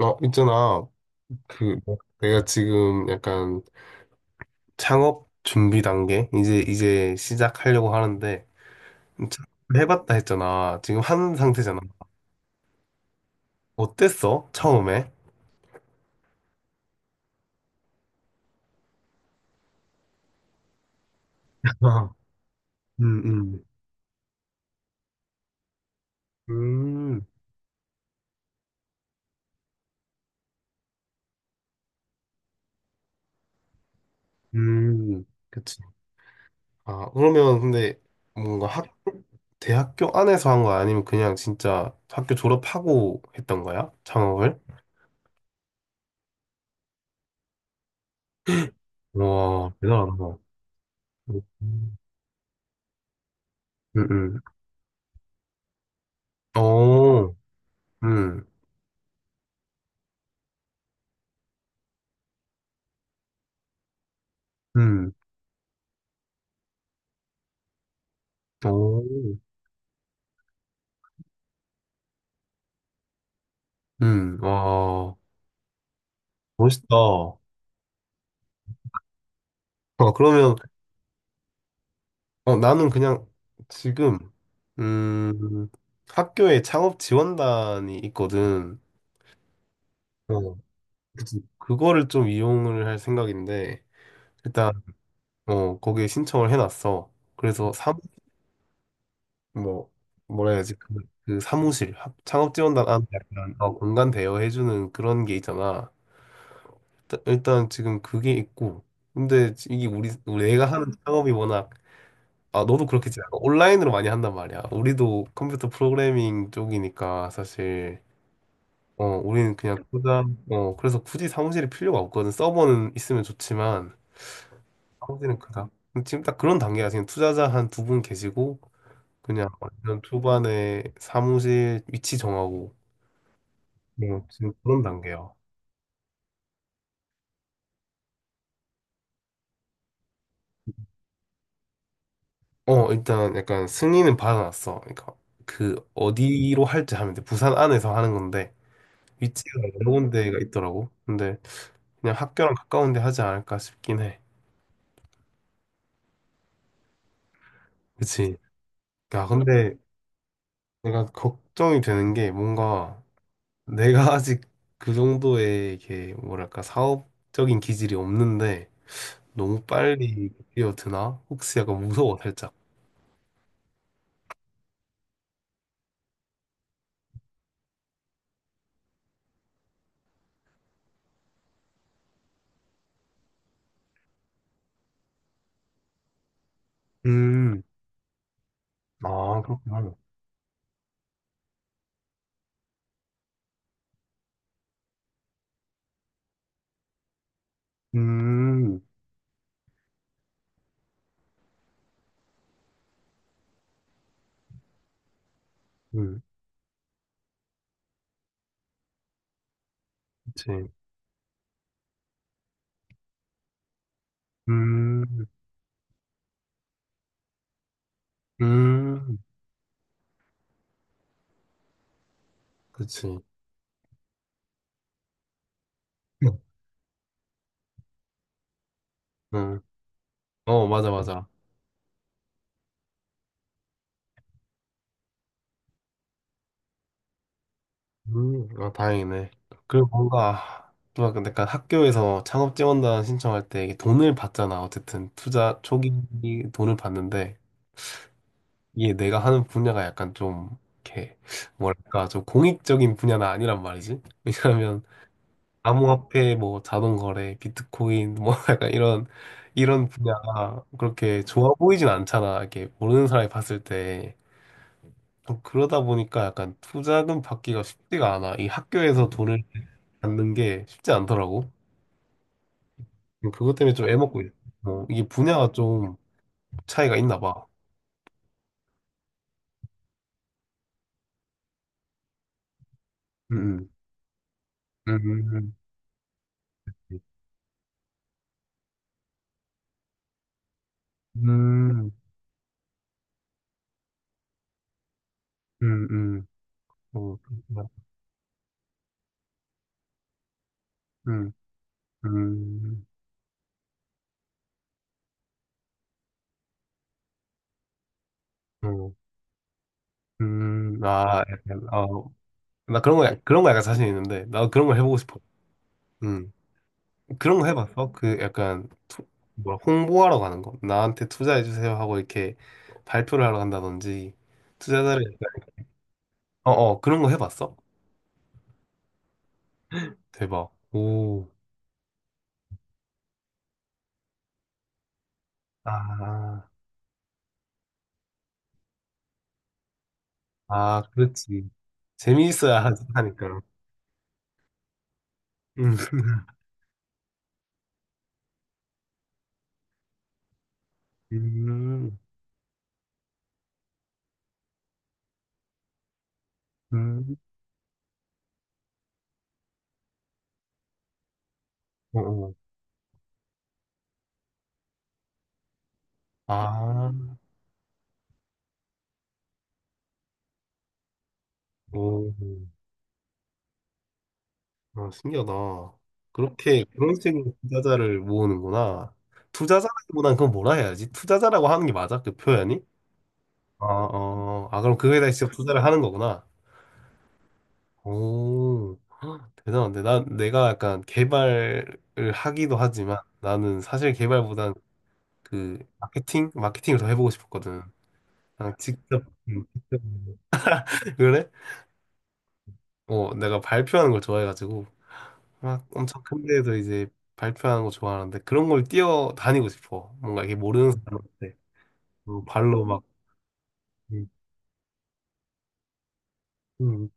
있잖아. 그, 내가 지금 약간 창업 준비 단계? 이제 시작하려고 하는데, 창업을 해봤다 했잖아. 지금 한 상태잖아. 어땠어? 처음에? 아. 음, 음. 음, 음. 그치. 아, 그러면 근데 뭔가 대학교 안에서 한 거야? 아니면 그냥 진짜 학교 졸업하고 했던 거야? 창업을? 와, 대단하다. 음, 음. 음. 오, 음, 음. 오. 아, 멋있다. 아, 그러면, 나는 그냥 지금, 음, 학교에 창업 지원단이 있거든. 어, 그치. 그거를 좀 이용을 할 생각인데, 일단, 거기에 신청을 해놨어. 그래서 뭐, 뭐라 해야지, 그 사무실, 창업 지원단 안에 약간, 공간 대여해주는 그런 게 있잖아. 일단 지금 그게 있고, 근데 이게 우리, 우리 내가 하는 창업이 워낙 아, 너도 그렇겠지. 약간 온라인으로 많이 한단 말이야. 우리도 컴퓨터 프로그래밍 쪽이니까 사실, 우리는 그냥, 그래서 굳이 사무실이 필요가 없거든. 서버는 있으면 좋지만, 사무실은 그냥. 지금 딱 그런 단계야. 지금 투자자 한 두 분 계시고, 그냥 완전 초반에 사무실 위치 정하고, 뭐 지금 그런 단계야. 일단 약간 승인은 받아놨어. 그러니까 그 어디로 할지 하면 돼. 부산 안에서 하는 건데, 위치가 여러 군데가 있더라고. 근데 그냥 학교랑 가까운 데 하지 않을까 싶긴 해. 그치? 야, 근데 내가 걱정이 되는 게 뭔가 내가 아직 그 정도의 이게 뭐랄까 사업적인 기질이 없는데 너무 빨리 뛰어드나? 혹시 약간 무서워 살짝. 음, 아, 그렇구나. 음, 음, 그치. 음, 음, 그치. 응. 어, 맞아, 맞아. 아, 다행이네. 그리고 뭔가, 또 아까 약간 학교에서 창업 지원단 신청할 때 이게 돈을 받잖아. 어쨌든 투자 초기 돈을 받는데 이게 내가 하는 분야가 약간 좀 이렇게 뭐랄까 좀 공익적인 분야는 아니란 말이지. 왜냐하면 암호화폐, 뭐 자동거래, 비트코인, 뭐 약간 이런 분야가 그렇게 좋아 보이진 않잖아. 이렇게 모르는 사람이 봤을 때. 그러다 보니까 약간 투자금 받기가 쉽지가 않아. 이 학교에서 돈을 갖는 게 쉽지 않더라고. 그것 때문에 좀 애먹고 있어. 이게 분야가 좀 차이가 있나 봐. 음, 음, 음, 음, 음, 음, 음, 그렇구나. 음, 음, 어, 아, 약간, 나 그런 거, 그런 거 약간 자신 있는데, 나도 그런 걸 해보고 싶어. 음, 그런 거 해봤어? 그 약간, 뭐라, 홍보하러 가는 거. 나한테 투자해주세요 하고 이렇게 발표를 하러 간다든지, 투자자를, 약간- 어, 어, 그런 거 해봤어? 대박. 오. 아, 아, 그렇지. 재미있어야 하니까. 음, 음, 음, 어, 어. 아, 오, 아, 신기하다. 그렇게 그런 식으로 투자자를 모으는구나. 투자자라기보단 그건 뭐라 해야지? 투자자라고 하는 게 맞아? 그 표현이? 아, 아, 그럼 그거에다 직접 투자를 하는 거구나. 오, 헉, 대단한데. 난 내가 약간 개발을 하기도 하지만 나는 사실 개발보단 그 마케팅? 마케팅을 더 해보고 싶었거든. 아, 직접, 직접. 그래? 내가 발표하는 걸 좋아해가지고, 막 엄청 큰 데에서 이제 발표하는 거 좋아하는데, 그런 걸 뛰어다니고 싶어. 뭔가 이게 모르는 사람한테. 발로 막, 음, 음,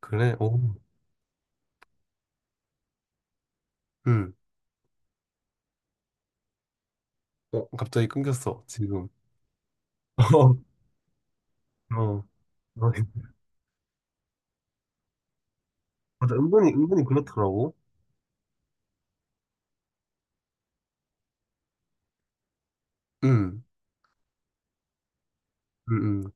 그래? 오, 음. 갑자기 끊겼어, 지금. 어, 어. 맞아, 은근히, 은근히 그렇더라고. 음, 음, 음.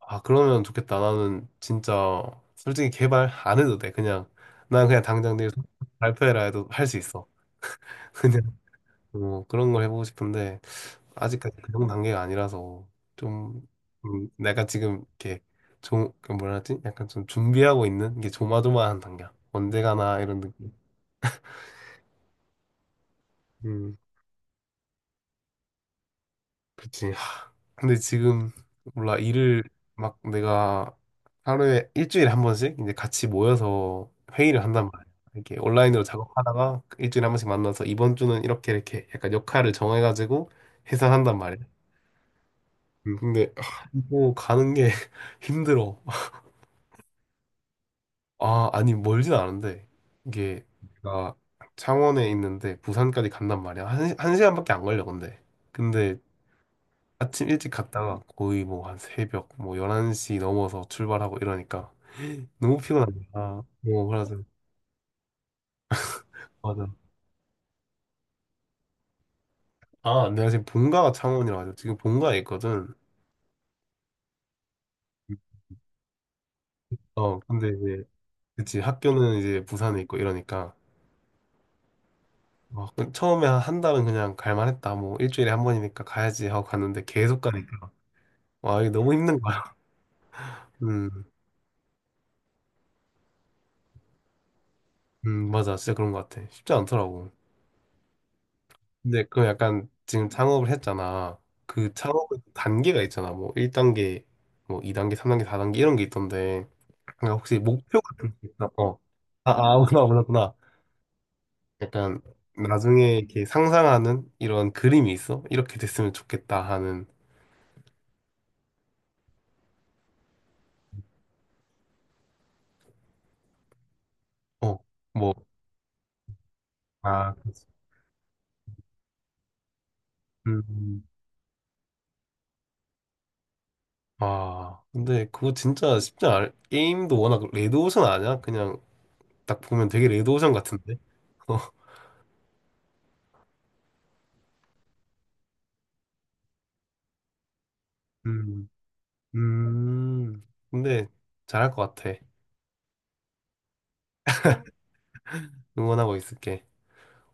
아, 그러면 좋겠다. 나는 진짜, 솔직히 개발 안 해도 돼. 그냥, 난 그냥 당장 내일 발표해라 해도 할 수 있어. 뭐 그런 걸 해보고 싶은데 아직까지 그런 단계가 아니라서 좀 내가 지금 이렇게 좀, 그 뭐라 하지? 약간 좀 준비하고 있는 게 조마조마한 단계야. 언제 가나 이런 느낌. 음, 그치. 하, 근데 지금 몰라 일을 막 내가 하루에 일주일에 한 번씩 이제 같이 모여서 회의를 한단 말이야. 이렇게 온라인으로 작업하다가 그 일주일에 한 번씩 만나서 이번 주는 이렇게 이렇게 약간 역할을 정해가지고 해산한단 말이야. 근데 아, 이거 가는 게 힘들어. 아, 아니 멀진 않은데 이게 내가 창원에 있는데 부산까지 간단 말이야. 한 시간밖에 안 걸려 근데. 근데 아침 일찍 갔다가 거의 뭐 한 새벽 뭐 11시 넘어서 출발하고 이러니까 너무 피곤하다. 아, 뭐 그래서 맞아. 아, 내가 지금 본가가 창원이라 가지고 지금 본가에 있거든. 근데 이제 그치 학교는 이제 부산에 있고 이러니까 그 처음에 한 달은 그냥 갈만했다. 뭐 일주일에 한 번이니까 가야지 하고 갔는데 계속 가니까 와 이게 너무 힘든 거야. 음, 맞아, 진짜 그런 것 같아. 쉽지 않더라고. 근데 그 약간 지금 창업을 했잖아. 그 창업 단계가 있잖아. 뭐 1단계, 뭐 2단계, 3단계, 4단계 이런 게 있던데 그러니까 혹시 목표 같은 게 있나? 아, 아 몰라 몰랐구나. 약간 나중에 이렇게 상상하는 이런 그림이 있어? 이렇게 됐으면 좋겠다 하는 어, 뭐 아, 그치. 음. 아, 근데 그거 진짜 쉽지 않아. 게임도 워낙 레드오션 아니야? 그냥 딱 보면 되게 레드오션 같은데? 음, 음. 근데 잘할 것 같아. 응원하고 있을게.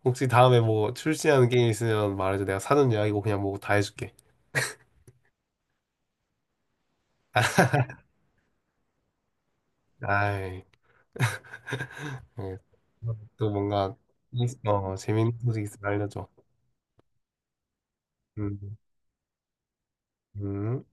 혹시 다음에 뭐 출시하는 게임 있으면 말해줘. 내가 사전 예약이고 그냥 뭐 다 해줄게. 아이, 예. 또 뭔가, 재밌는 소식 있으면 알려줘. 음, 음.